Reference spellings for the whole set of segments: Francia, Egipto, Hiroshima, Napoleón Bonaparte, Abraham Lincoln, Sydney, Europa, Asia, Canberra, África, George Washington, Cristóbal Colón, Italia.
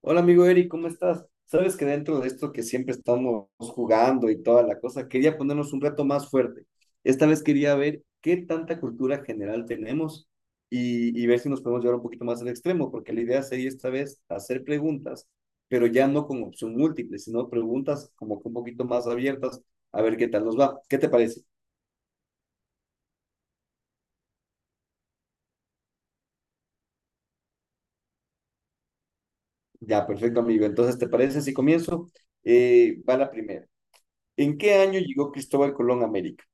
Hola amigo Eric, ¿cómo estás? Sabes que dentro de esto que siempre estamos jugando y toda la cosa, quería ponernos un reto más fuerte. Esta vez quería ver qué tanta cultura general tenemos y ver si nos podemos llevar un poquito más al extremo, porque la idea sería esta vez hacer preguntas, pero ya no con opción múltiple, sino preguntas como que un poquito más abiertas, a ver qué tal nos va. ¿Qué te parece? Ya, perfecto amigo. Entonces, ¿te parece si comienzo? Va la primera. ¿En qué año llegó Cristóbal Colón a América?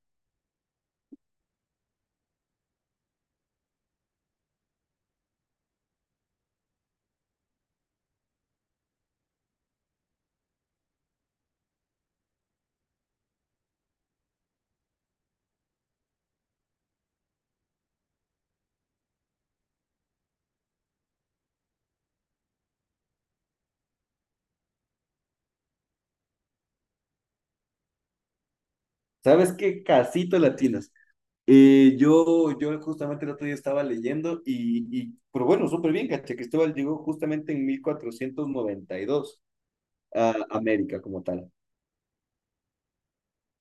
¿Sabes qué? Casito latinas. Yo justamente el otro día estaba leyendo y pero bueno, súper bien, caché. Cristóbal llegó justamente en 1492 a América como tal.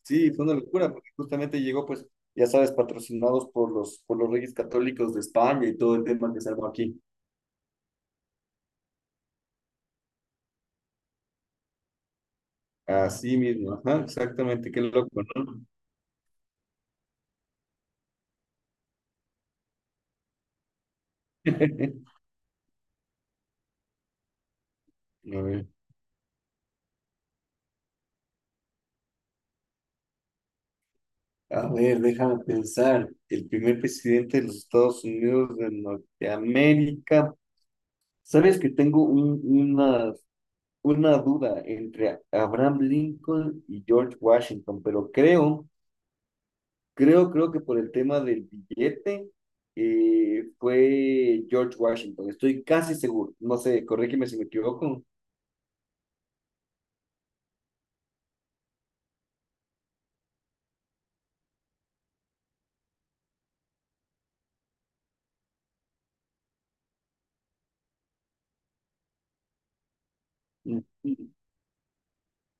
Sí, fue una locura porque justamente llegó, pues, ya sabes, patrocinados por los reyes católicos de España y todo el tema que se armó aquí. Así mismo, ajá, exactamente, qué loco, ¿no? A ver, déjame pensar. El primer presidente de los Estados Unidos de Norteamérica. Sabes que tengo una duda entre Abraham Lincoln y George Washington, pero creo que por el tema del billete fue George Washington, estoy casi seguro, no sé, corrígeme si me equivoco. Mm, mm,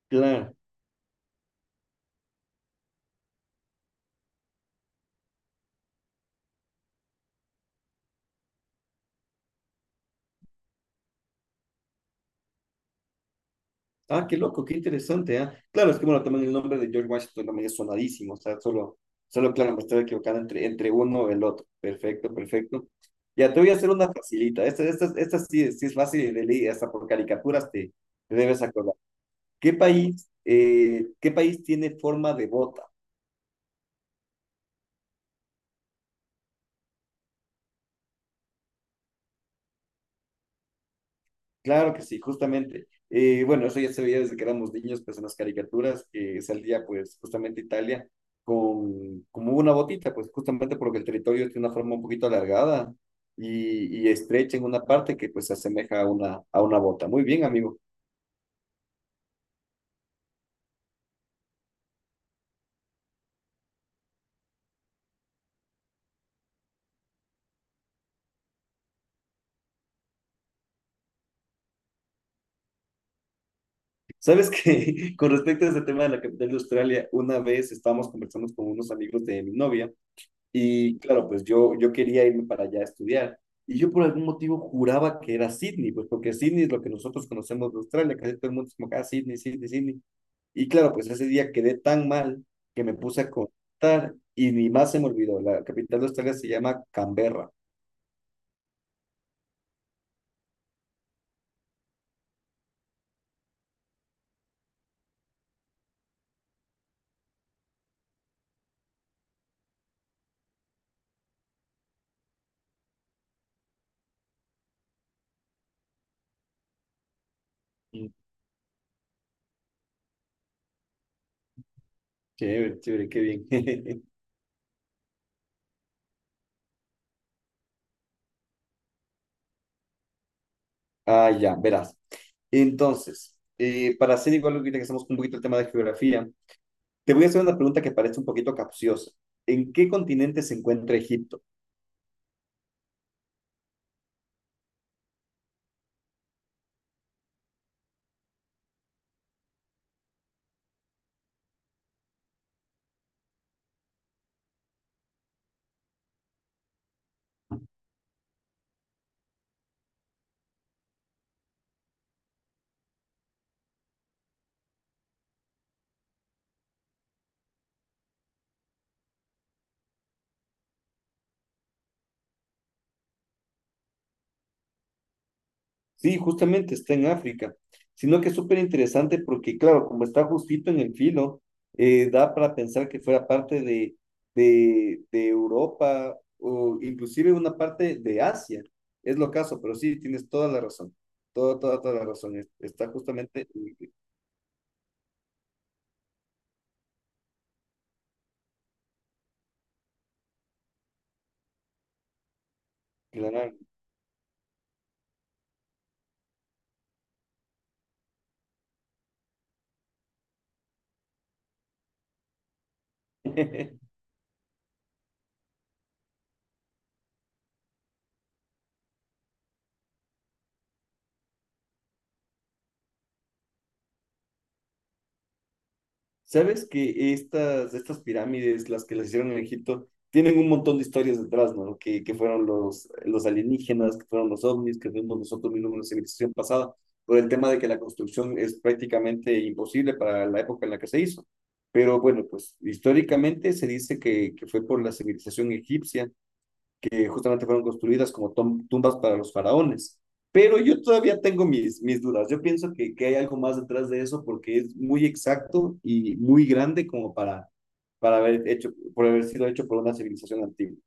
claro. Ah, qué loco, qué interesante, ¿ah? Claro, es que bueno, también el nombre de George Washington también es sonadísimo, o sea, solo claro, me estoy equivocando entre uno y el otro. Perfecto, perfecto. Ya te voy a hacer una facilita. Esta sí, sí es fácil de leer, hasta por caricaturas te debes acordar. ¿Qué país tiene forma de bota? Claro que sí, justamente. Bueno, eso ya se veía desde que éramos niños, pues en las caricaturas, que salía pues justamente Italia con como una botita, pues justamente porque el territorio tiene una forma un poquito alargada y estrecha en una parte que pues se asemeja a una bota. Muy bien, amigo. Sabes que con respecto a ese tema de la capital de Australia, una vez estábamos conversando con unos amigos de mi novia. Y claro, pues yo quería irme para allá a estudiar. Y yo por algún motivo juraba que era Sydney, pues porque Sydney es lo que nosotros conocemos de Australia, casi todo el mundo es como acá, Sydney, Sydney, Sydney. Y claro, pues ese día quedé tan mal que me puse a contar y ni más se me olvidó. La capital de Australia se llama Canberra. Mm, chévere, chévere, qué bien. Ah, ya, verás. Entonces, para hacer igual ahorita que estamos con un poquito el tema de geografía, te voy a hacer una pregunta que parece un poquito capciosa. ¿En qué continente se encuentra Egipto? Sí, justamente está en África, sino que es súper interesante porque, claro, como está justito en el filo, da para pensar que fuera parte de Europa o inclusive una parte de Asia. Es lo caso, pero sí, tienes toda la razón, toda la razón. Está justamente en la nave. ¿Sabes que estas pirámides, las que las hicieron en Egipto, tienen un montón de historias detrás, ¿no? Que fueron los alienígenas, que fueron los ovnis, que fuimos nosotros mismos en la civilización pasada, por el tema de que la construcción es prácticamente imposible para la época en la que se hizo. Pero bueno, pues históricamente se dice que fue por la civilización egipcia que justamente fueron construidas como tumbas para los faraones. Pero yo todavía tengo mis dudas. Yo pienso que hay algo más detrás de eso porque es muy exacto y muy grande como para haber hecho, por haber sido hecho por una civilización antigua.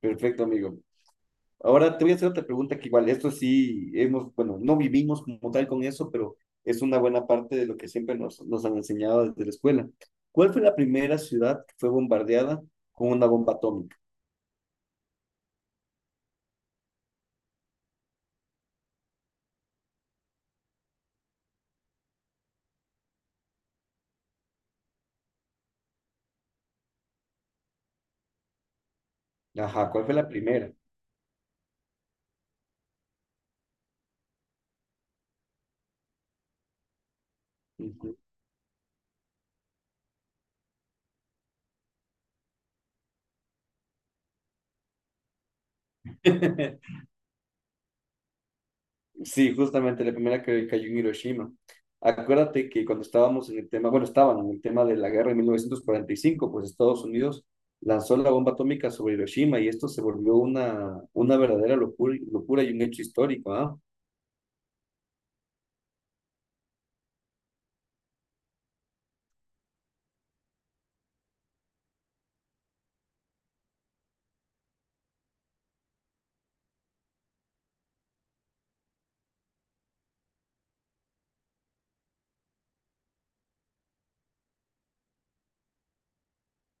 Perfecto, amigo. Ahora te voy a hacer otra pregunta que igual, esto sí hemos, bueno, no vivimos como tal con eso, pero es una buena parte de lo que siempre nos han enseñado desde la escuela. ¿Cuál fue la primera ciudad que fue bombardeada con una bomba atómica? Ajá, ¿cuál fue la primera? Ujú. Sí, justamente la primera que cayó en Hiroshima. Acuérdate que cuando estábamos en el tema, bueno, estaban en el tema de la guerra en 1945, pues Estados Unidos lanzó la bomba atómica sobre Hiroshima y esto se volvió una verdadera locura, locura y un hecho histórico, ¿ah?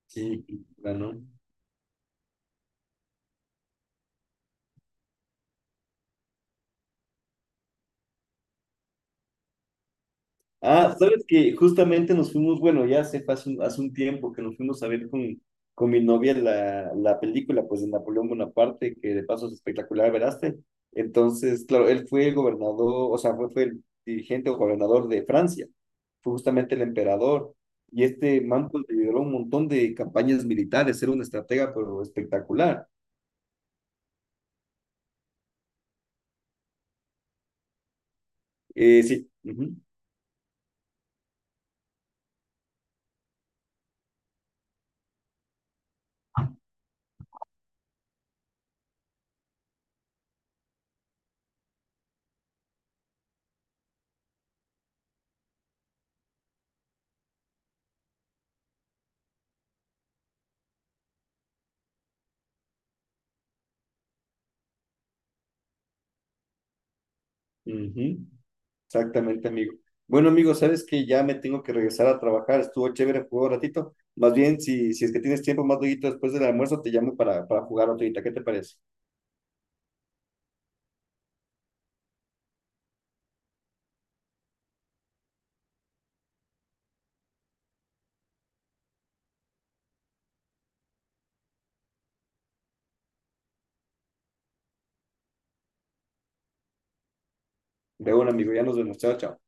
Sí, ganó. Ah, sabes que justamente nos fuimos, bueno, hace un tiempo que nos fuimos a ver con mi novia la película, pues, de Napoleón Bonaparte, que de paso es espectacular, ¿veraste? Entonces, claro, él fue el gobernador, o sea, fue el dirigente o gobernador de Francia, fue justamente el emperador, y este man, pues, lideró un montón de campañas militares, era un estratega, pero espectacular. Sí, ujú, ujú. Exactamente, amigo. Bueno, amigo, sabes que ya me tengo que regresar a trabajar. Estuvo chévere jugó un ratito. Más bien, si es que tienes tiempo más luego después del almuerzo, te llamo para jugar otro. ¿Qué te parece? De un amigo, ya nos vemos. Chao, chao.